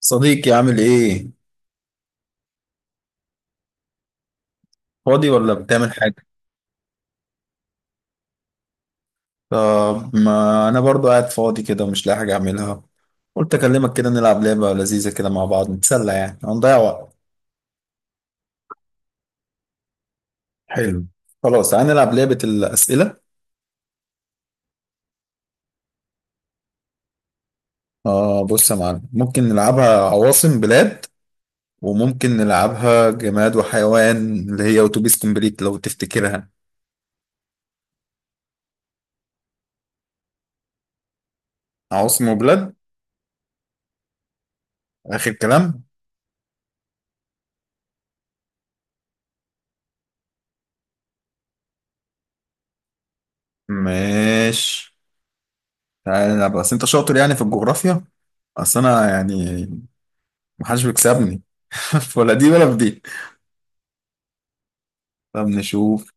صديقي عامل ايه؟ فاضي ولا بتعمل حاجة؟ طب ما انا برضو قاعد فاضي كده ومش لاقي حاجة اعملها، قلت اكلمك كده نلعب لعبة لذيذة كده مع بعض نتسلى، يعني هنضيع وقت. حلو، خلاص تعالى نلعب لعبة الأسئلة. آه بص يا معلم، ممكن نلعبها عواصم بلاد، وممكن نلعبها جماد وحيوان، اللي هي أوتوبيس كومبليت لو تفتكرها. عواصم وبلاد آخر كلام، ماشي. تعالى نلعب، بس أنت شاطر يعني في الجغرافيا؟ أصل أنا يعني محدش بيكسبني ولا دي ولا في دي. طب نشوف.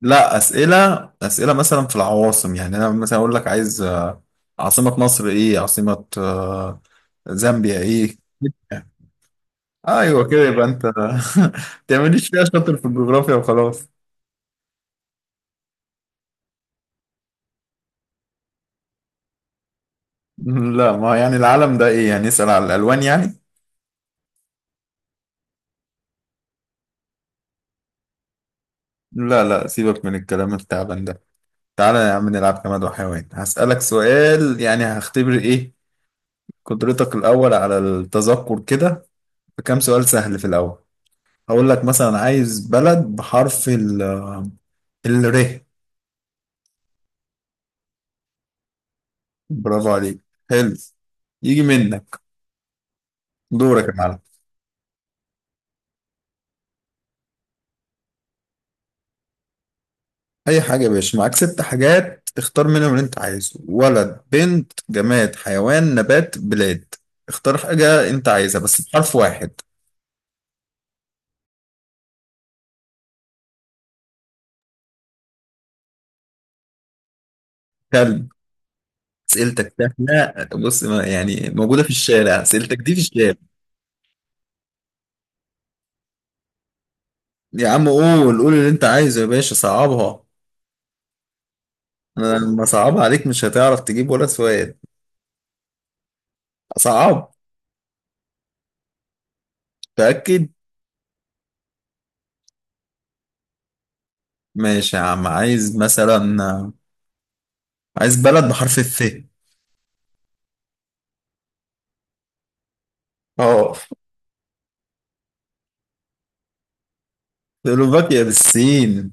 لا أسئلة، أسئلة مثلا في العواصم، يعني أنا مثلا أقول لك عايز عاصمة مصر إيه، عاصمة زامبيا إيه. أيوه كده، يبقى أنت ما تعمليش فيها شاطر في الجغرافيا وخلاص. لا ما يعني العالم ده إيه، يعني نسأل على الألوان يعني. لا لا، سيبك من الكلام التعبان ده. تعالى يا عم نلعب جماد وحيوان، هسألك سؤال يعني هختبر إيه، قدرتك الأول على التذكر كده. بكام سؤال سهل في الأول. هقول لك مثلا عايز بلد بحرف الر. برافو عليك، حلو، يجي منك. دورك يا معلم. اي حاجه يا باشا، معاك ست حاجات اختار منهم اللي انت عايزه: ولد، بنت، جماد، حيوان، نبات، بلاد. اختار حاجه انت عايزها بس بحرف واحد. كلب؟ اسئلتك سهله، بص يعني موجوده في الشارع اسئلتك دي، في الشارع. يا عم قول قول اللي انت عايزه يا باشا، صعبها. انا لما صعبها عليك مش هتعرف تجيب ولا سؤال صعب، تأكد. ماشي يا عم، عايز مثلا، عايز بلد بحرف الف. اه. سلوفاكيا بالسين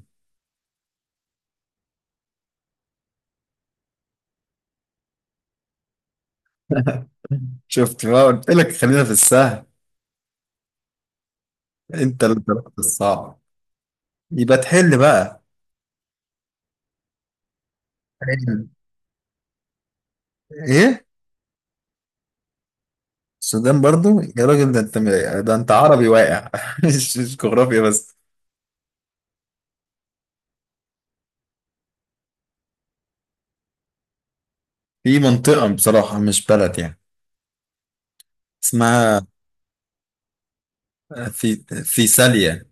شفت بقى، قلت لك خلينا في السهل، انت اللي طلعت الصعب. يبقى تحل بقى. حل. ايه؟ السودان برضو يا راجل، ده انت عربي واقع مش جغرافيا بس. في منطقة بصراحة، مش بلد يعني، اسمها في في ساليا،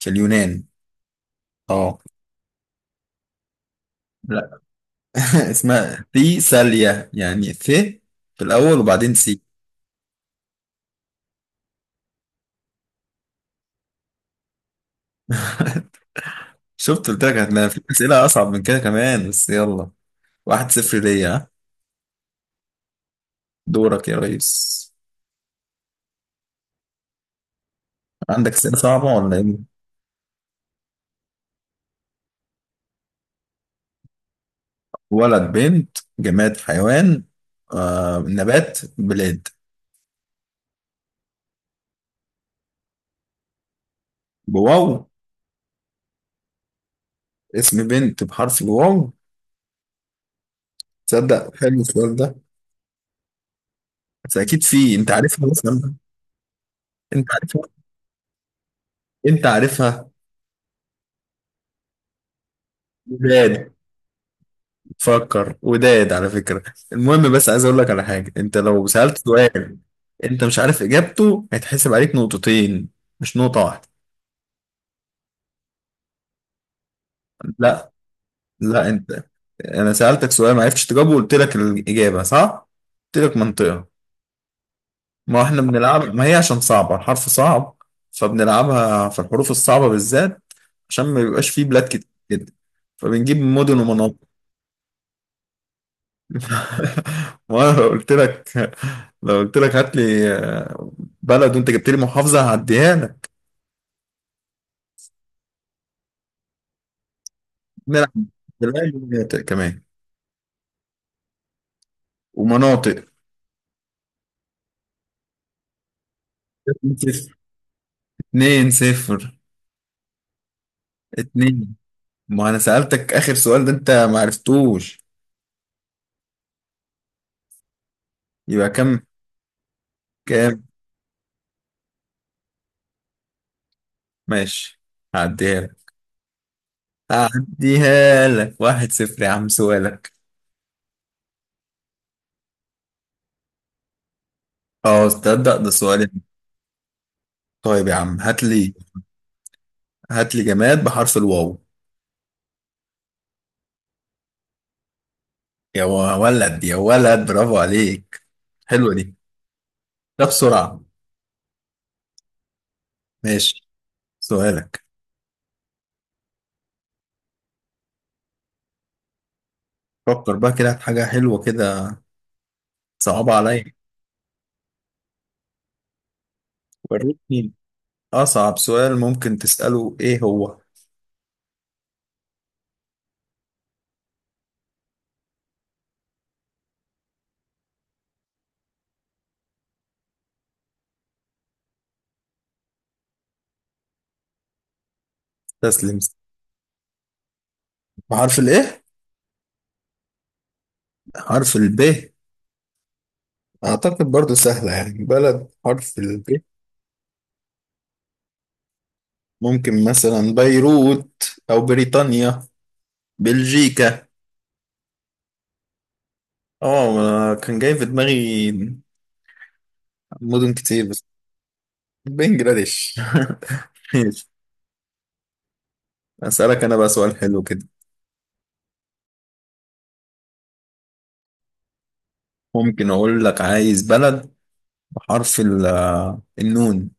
في اليونان. اه. لا اسمها في ساليا يعني ث في الأول وبعدين سي. شفت، قلت لك هتلاقي في أسئلة أصعب من كده كمان، بس يلا. واحد صفر ليا، ها؟ دورك يا ريس. عندك أسئلة صعبة ولا إيه؟ ولد بنت جماد حيوان نبات بلاد. بواو. اسم بنت بحرف الواو، تصدق حلو السؤال ده. بس أكيد في، أنت عارفها مثلا، أنت عارفها أنت عارفها. بلاد. فكر، وداد على فكرة. المهم بس عايز اقول لك على حاجة، انت لو سألت سؤال انت مش عارف اجابته هيتحسب عليك نقطتين، مش نقطة واحدة. لا لا انت. انا سألتك سؤال ما عرفتش تجاوبه وقلت لك الإجابة صح. قلت لك منطقة. ما احنا بنلعب، ما هي عشان صعبة، الحرف صعب. فبنلعبها في الحروف الصعبة بالذات، عشان ما بيبقاش فيه بلاد كتير جدا، فبنجيب مدن ومناطق. ما أنا لو قلت لك هات لي بلد، وانت جبت لي محافظه هعديها لك. نلعب بلاد ومناطق كمان ومناطق. اتنين صفر. اتنين صفر. اتنين، ما انا سألتك اخر سؤال ده انت ما عرفتوش، يبقى كام؟ كام؟ ماشي، هعديها لك هعديها لك واحد صفر. يا عم سؤالك. اه تصدق، ده سؤالي؟ طيب يا عم هات لي جماد بحرف الواو. يا ولد يا ولد، برافو عليك، حلوة دي. ده بسرعة، ماشي. سؤالك. فكر بقى كده في حاجة حلوة كده، صعبة عليا، وريتني أصعب سؤال ممكن تسأله إيه هو. تسلم. بحرف الإيه؟ حرف الب. أعتقد برضو سهلة، يعني بلد حرف الب. ممكن مثلا بيروت، أو بريطانيا، بلجيكا. آه أنا كان جاي في دماغي مدن كتير بس. بنجلاديش ماشي. أسألك أنا بقى سؤال حلو كده. ممكن أقول لك عايز بلد حرف النون.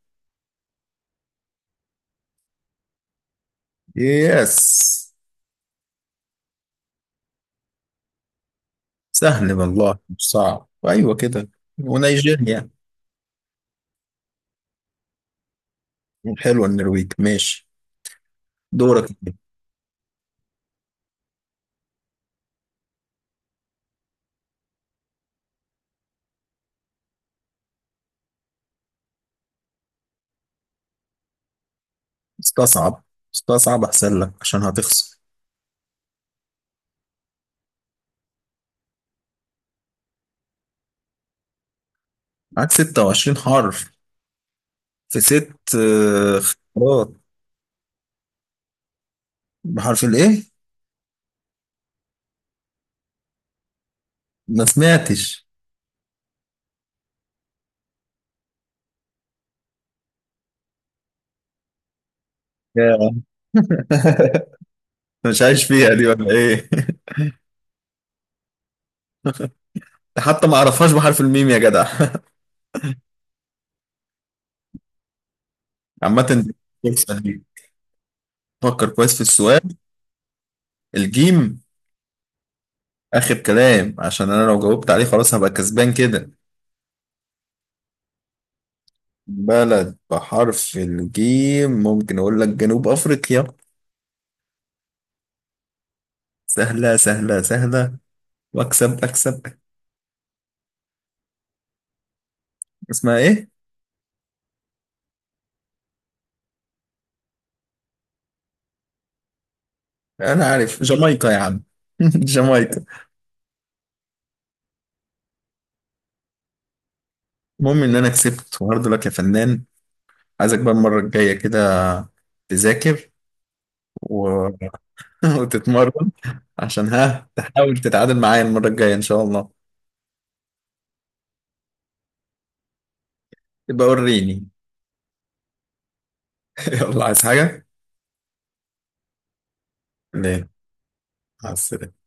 يس. سهل والله، مش صعب. ايوه كده. ونيجيريا. حلوه النرويج، ماشي. دورك. استصعب، احسن لك عشان هتخسر. معاك 26 حرف في ست خيارات. بحرف الايه؟ ما سمعتش. يا. مش عايش فيها دي ولا ايه؟ حتى ما اعرفهاش بحرف الميم يا جدع عامة دي فرصة ليك. فكر كويس في السؤال. الجيم. آخر كلام، عشان أنا لو جاوبت عليه خلاص هبقى كسبان كده. بلد بحرف الجيم، ممكن أقول لك جنوب أفريقيا. سهلة سهلة سهلة. وأكسب أكسب. اسمها إيه؟ أنا عارف، جامايكا يا عم جامايكا. المهم إن أنا كسبت وهارد لك يا فنان. عايزك بقى المرة الجاية كده تذاكر و... وتتمرن، عشان ها تحاول تتعادل معايا المرة الجاية إن شاء الله. يبقى وريني. يلا، عايز حاجة؟ ليه؟ مع السلامة.